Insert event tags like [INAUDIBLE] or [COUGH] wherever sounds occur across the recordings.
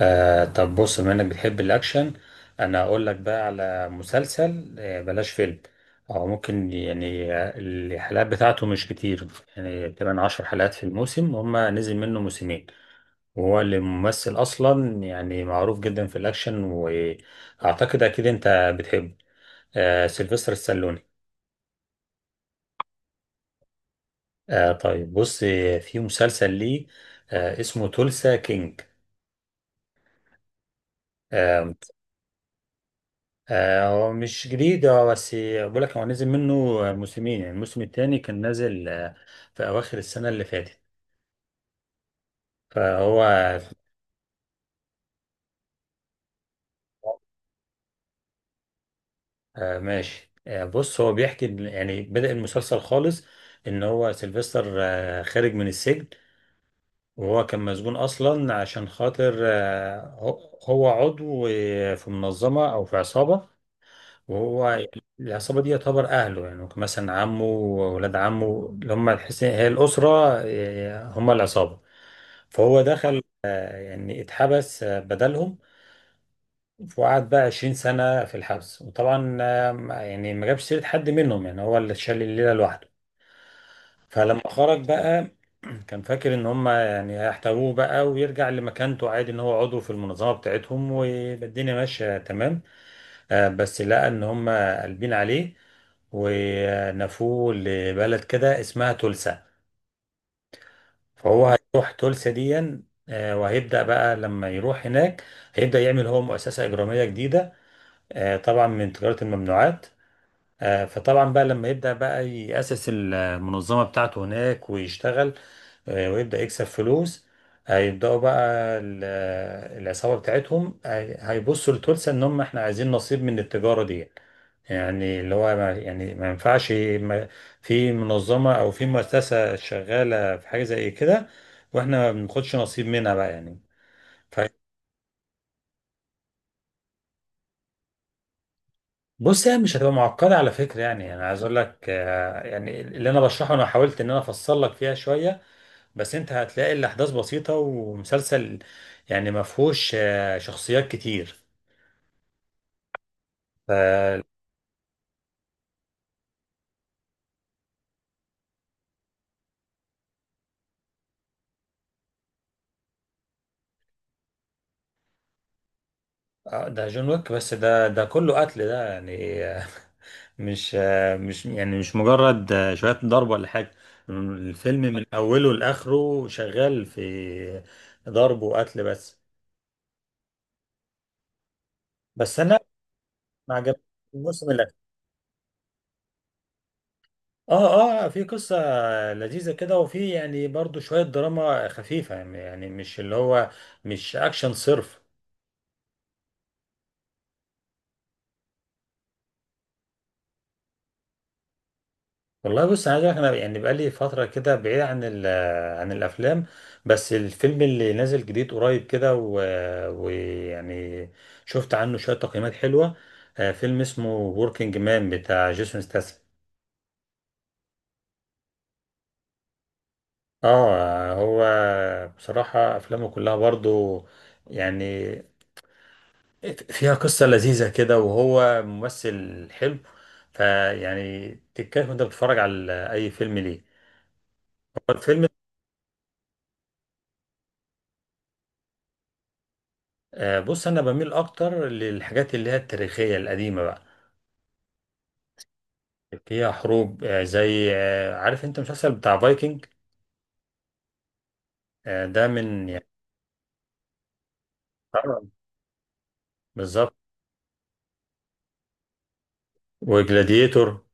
طب بص، بما انك بتحب الاكشن، انا اقول لك بقى على مسلسل، بلاش فيلم. او ممكن يعني، الحلقات بتاعته مش كتير. يعني تقريبا 10 حلقات في الموسم، هما نزل منه موسمين. وهو اللي ممثل اصلا، يعني معروف جدا في الاكشن، واعتقد اكيد انت بتحبه. سيلفستر السالوني. طيب بص، في مسلسل ليه اسمه تولسا كينج. آه، هو مش جديد، هو بس بقول لك هو نزل منه موسمين، يعني الموسم الثاني كان نازل في أواخر السنة اللي فاتت. فهو ماشي. بص هو بيحكي يعني بدأ المسلسل خالص، إن هو سيلفستر خارج من السجن. وهو كان مسجون أصلا عشان خاطر هو هو عضو في منظمة أو في عصابة. وهو يعني العصابة دي يعتبر أهله، يعني مثلا عمه وولاد عمه اللي هم هي الأسرة، إيه، هم العصابة. فهو دخل يعني اتحبس بدلهم. وقعد بقى 20 سنة في الحبس. وطبعا يعني ما جابش سيرة حد منهم، يعني هو اللي شال الليلة لوحده. فلما خرج بقى [CLEARS THROAT] كان فاكر ان هم يعني هيحتووه بقى ويرجع لمكانته عادي، ان هو عضو في المنظمة بتاعتهم والدنيا ماشية تمام. بس لقى ان هم قلبين عليه ونفوه لبلد كده اسمها تولسا. فهو هيروح تولسا دي. وهيبدأ بقى لما يروح هناك، هيبدأ يعمل هو مؤسسة إجرامية جديدة، طبعا من تجارة الممنوعات. فطبعا بقى لما يبدأ بقى يأسس المنظمة بتاعته هناك ويشتغل، ويبدأ يكسب فلوس. هيبدأوا بقى ال- العصابة بتاعتهم هيبصوا لتولسا ان هم احنا عايزين نصيب من التجارة دي. يعني اللي هو ما يعني ما ينفعش في منظمة او في مؤسسة شغالة في حاجة زي كده، واحنا ما بناخدش نصيب منها بقى يعني. فبص، يعني مش هتبقى معقدة على فكرة. يعني انا عايز اقول لك يعني اللي انا بشرحه، انا حاولت ان انا افصل لك فيها شوية، بس انت هتلاقي الاحداث بسيطه ومسلسل، يعني ما فيهوش شخصيات كتير. ف- ده جون ويك، بس ده ده كله قتل، ده يعني مش يعني مش مجرد شويه ضرب ولا حاجه. الفيلم من اوله لاخره شغال في ضرب وقتل بس. بس انا ما عجبنيش الموسم الاخير. اه، اه، في قصه لذيذه كده، وفي يعني برضو شويه دراما خفيفه، يعني مش اللي هو مش اكشن صرف. والله بص، عايز اقولك انا يعني بقالي فتره كده بعيد عن عن الافلام، بس الفيلم اللي نازل جديد قريب كده ويعني شفت عنه شويه تقييمات حلوه. فيلم اسمه وركينج مان، بتاع جيسون ستاثام. اه هو بصراحه افلامه كلها برضو يعني فيها قصه لذيذه كده، وهو ممثل حلو. فيعني تتكيف وانت بتتفرج على اي فيلم ليه. هو الفيلم، بص انا بميل اكتر للحاجات اللي هي التاريخيه القديمه بقى، فيها حروب، زي عارف انت المسلسل بتاع فايكنج. ده من يعني. آه، بالظبط. وجلاديتور،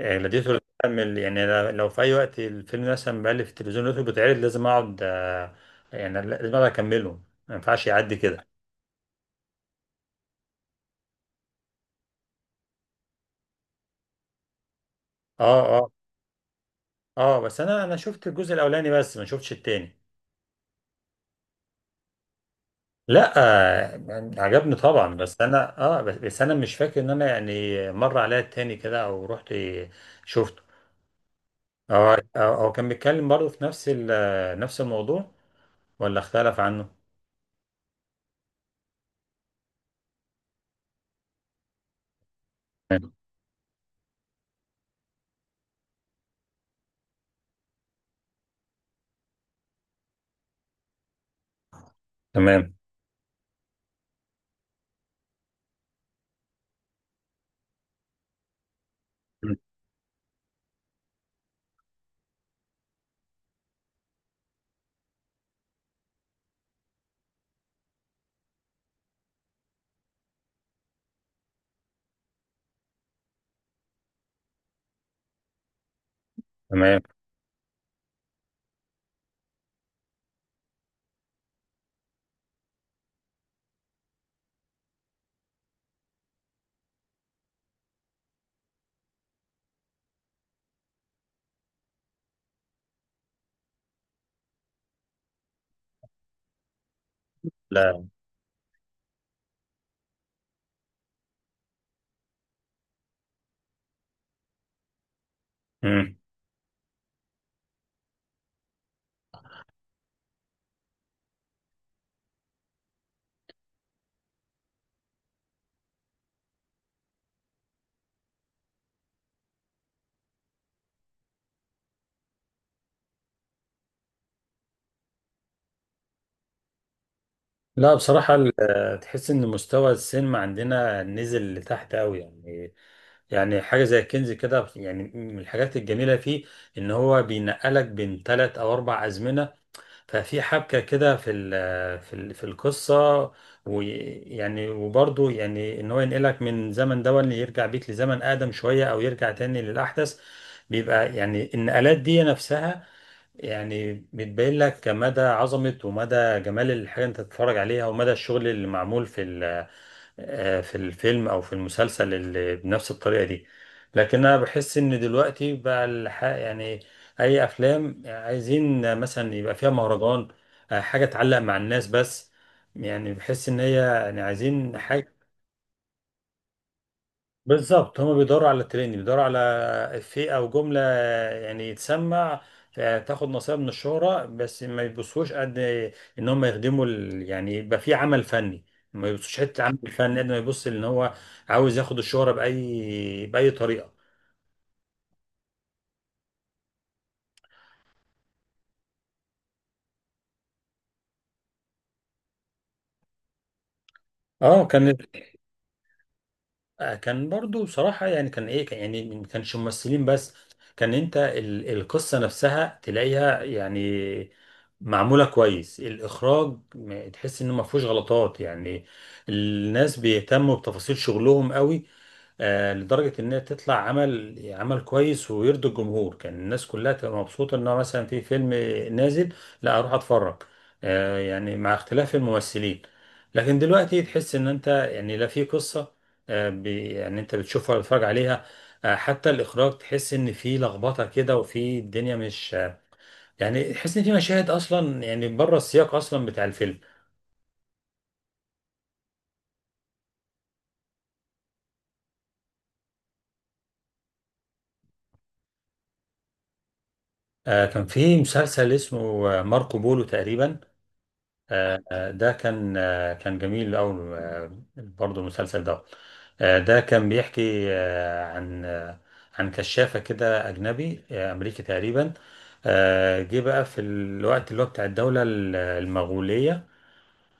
جلاديتور ده كان يعني لو في اي وقت الفيلم مثلا بقى في التلفزيون لقيته بيتعرض لازم اقعد، يعني لازم اقعد اكمله، ما ينفعش يعدي كده. اه، اه، اه، بس انا شفت الجزء الاولاني، بس ما شفتش التاني. لا، يعني عجبني طبعا، بس انا اه بس انا مش فاكر ان انا يعني مر عليا التاني كده او رحت شفته، او كان بيتكلم برضه في نفس نفس الموضوع، ولا اختلف عنه. تمام. مم. تمام. لا. مم. لا بصراحة، تحس ان مستوى السينما عندنا نزل لتحت قوي يعني. يعني حاجة زي الكنز كده، يعني من الحاجات الجميلة فيه ان هو بينقلك بين ثلاث او اربع ازمنة. ففي حبكة كده في القصة. ويعني وبرضه يعني ان هو ينقلك من زمن ده اللي يرجع بيك لزمن اقدم شوية، او يرجع تاني للاحدث. بيبقى يعني النقلات دي نفسها، يعني بتبين لك مدى عظمة ومدى جمال الحاجة انت تتفرج عليها، ومدى الشغل اللي معمول في ال، في الفيلم او في المسلسل اللي بنفس الطريقه دي. لكن انا بحس ان دلوقتي بقى يعني اي افلام عايزين مثلا يبقى فيها مهرجان، حاجه تعلق مع الناس بس. يعني بحس ان هي يعني عايزين حاجه. بالظبط، هما بيدوروا على ترند، بيدوروا على افيه او جمله يعني يتسمع، تاخد نصيب من الشهره بس. ما يبصوش قد ان هم يخدموا ال... يعني يبقى في عمل فني، ما يبصوش حته عمل فني قد ما يبص ان هو عاوز ياخد الشهره باي باي طريقه. اه كان كان برضو بصراحة يعني كان ايه، كان يعني ما كانش ممثلين بس، كان انت القصة نفسها تلاقيها يعني معمولة كويس. الإخراج تحس إنه ما فيهوش غلطات يعني، الناس بيهتموا بتفاصيل شغلهم قوي، لدرجة إنها تطلع عمل عمل كويس ويرضي الجمهور. كان الناس كلها تبقى مبسوطة إنها مثلا في فيلم نازل، لا أروح أتفرج، يعني مع اختلاف الممثلين. لكن دلوقتي تحس إن أنت يعني لا في قصة، يعني انت بتشوفها وتتفرج عليها. حتى الاخراج تحس ان في لخبطه كده، وفي الدنيا مش يعني تحس ان في مشاهد اصلا يعني بره السياق اصلا بتاع الفيلم. كان في مسلسل اسمه ماركو بولو تقريبا. ده كان كان جميل قوي برضه المسلسل ده. ده كان بيحكي عن كشافه كده اجنبي، امريكي تقريبا. جه بقى في الوقت اللي هو بتاع الدوله المغوليه،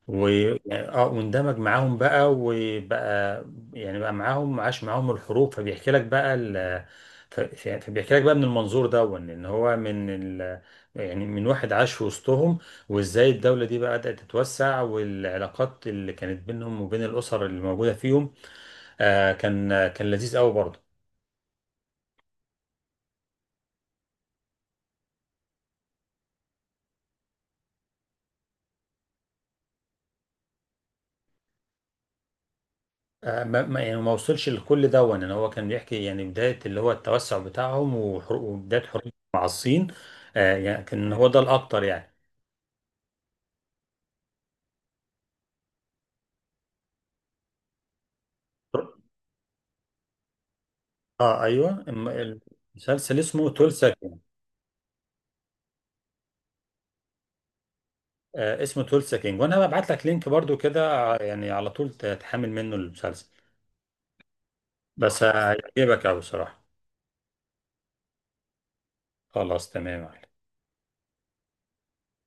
واه، واندمج معاهم بقى يعني بقى معاهم، عاش معاهم الحروب، فبيحكي لك بقى ال... فبيحكي لك بقى من المنظور ده، وان إن هو من ال... يعني من واحد عاش في وسطهم، وازاي الدولة دي بقى بدأت تتوسع، والعلاقات اللي كانت بينهم وبين الأسر اللي موجودة فيهم. آه كان كان لذيذ قوي برضه. آه يعني ما وصلش لكل ده، وان هو كان بيحكي يعني بداية اللي هو التوسع بتاعهم، وبداية حروب مع الصين. آه يعني كان هو ده الأكتر يعني. اه ايوه، المسلسل اسمه 12 سكند. آه اسمه 12 سكند، وانا ببعت لك لينك برضو كده يعني على طول تحمل منه المسلسل. بس خلاص هيعجبك قوي بصراحه. خلاص تمام.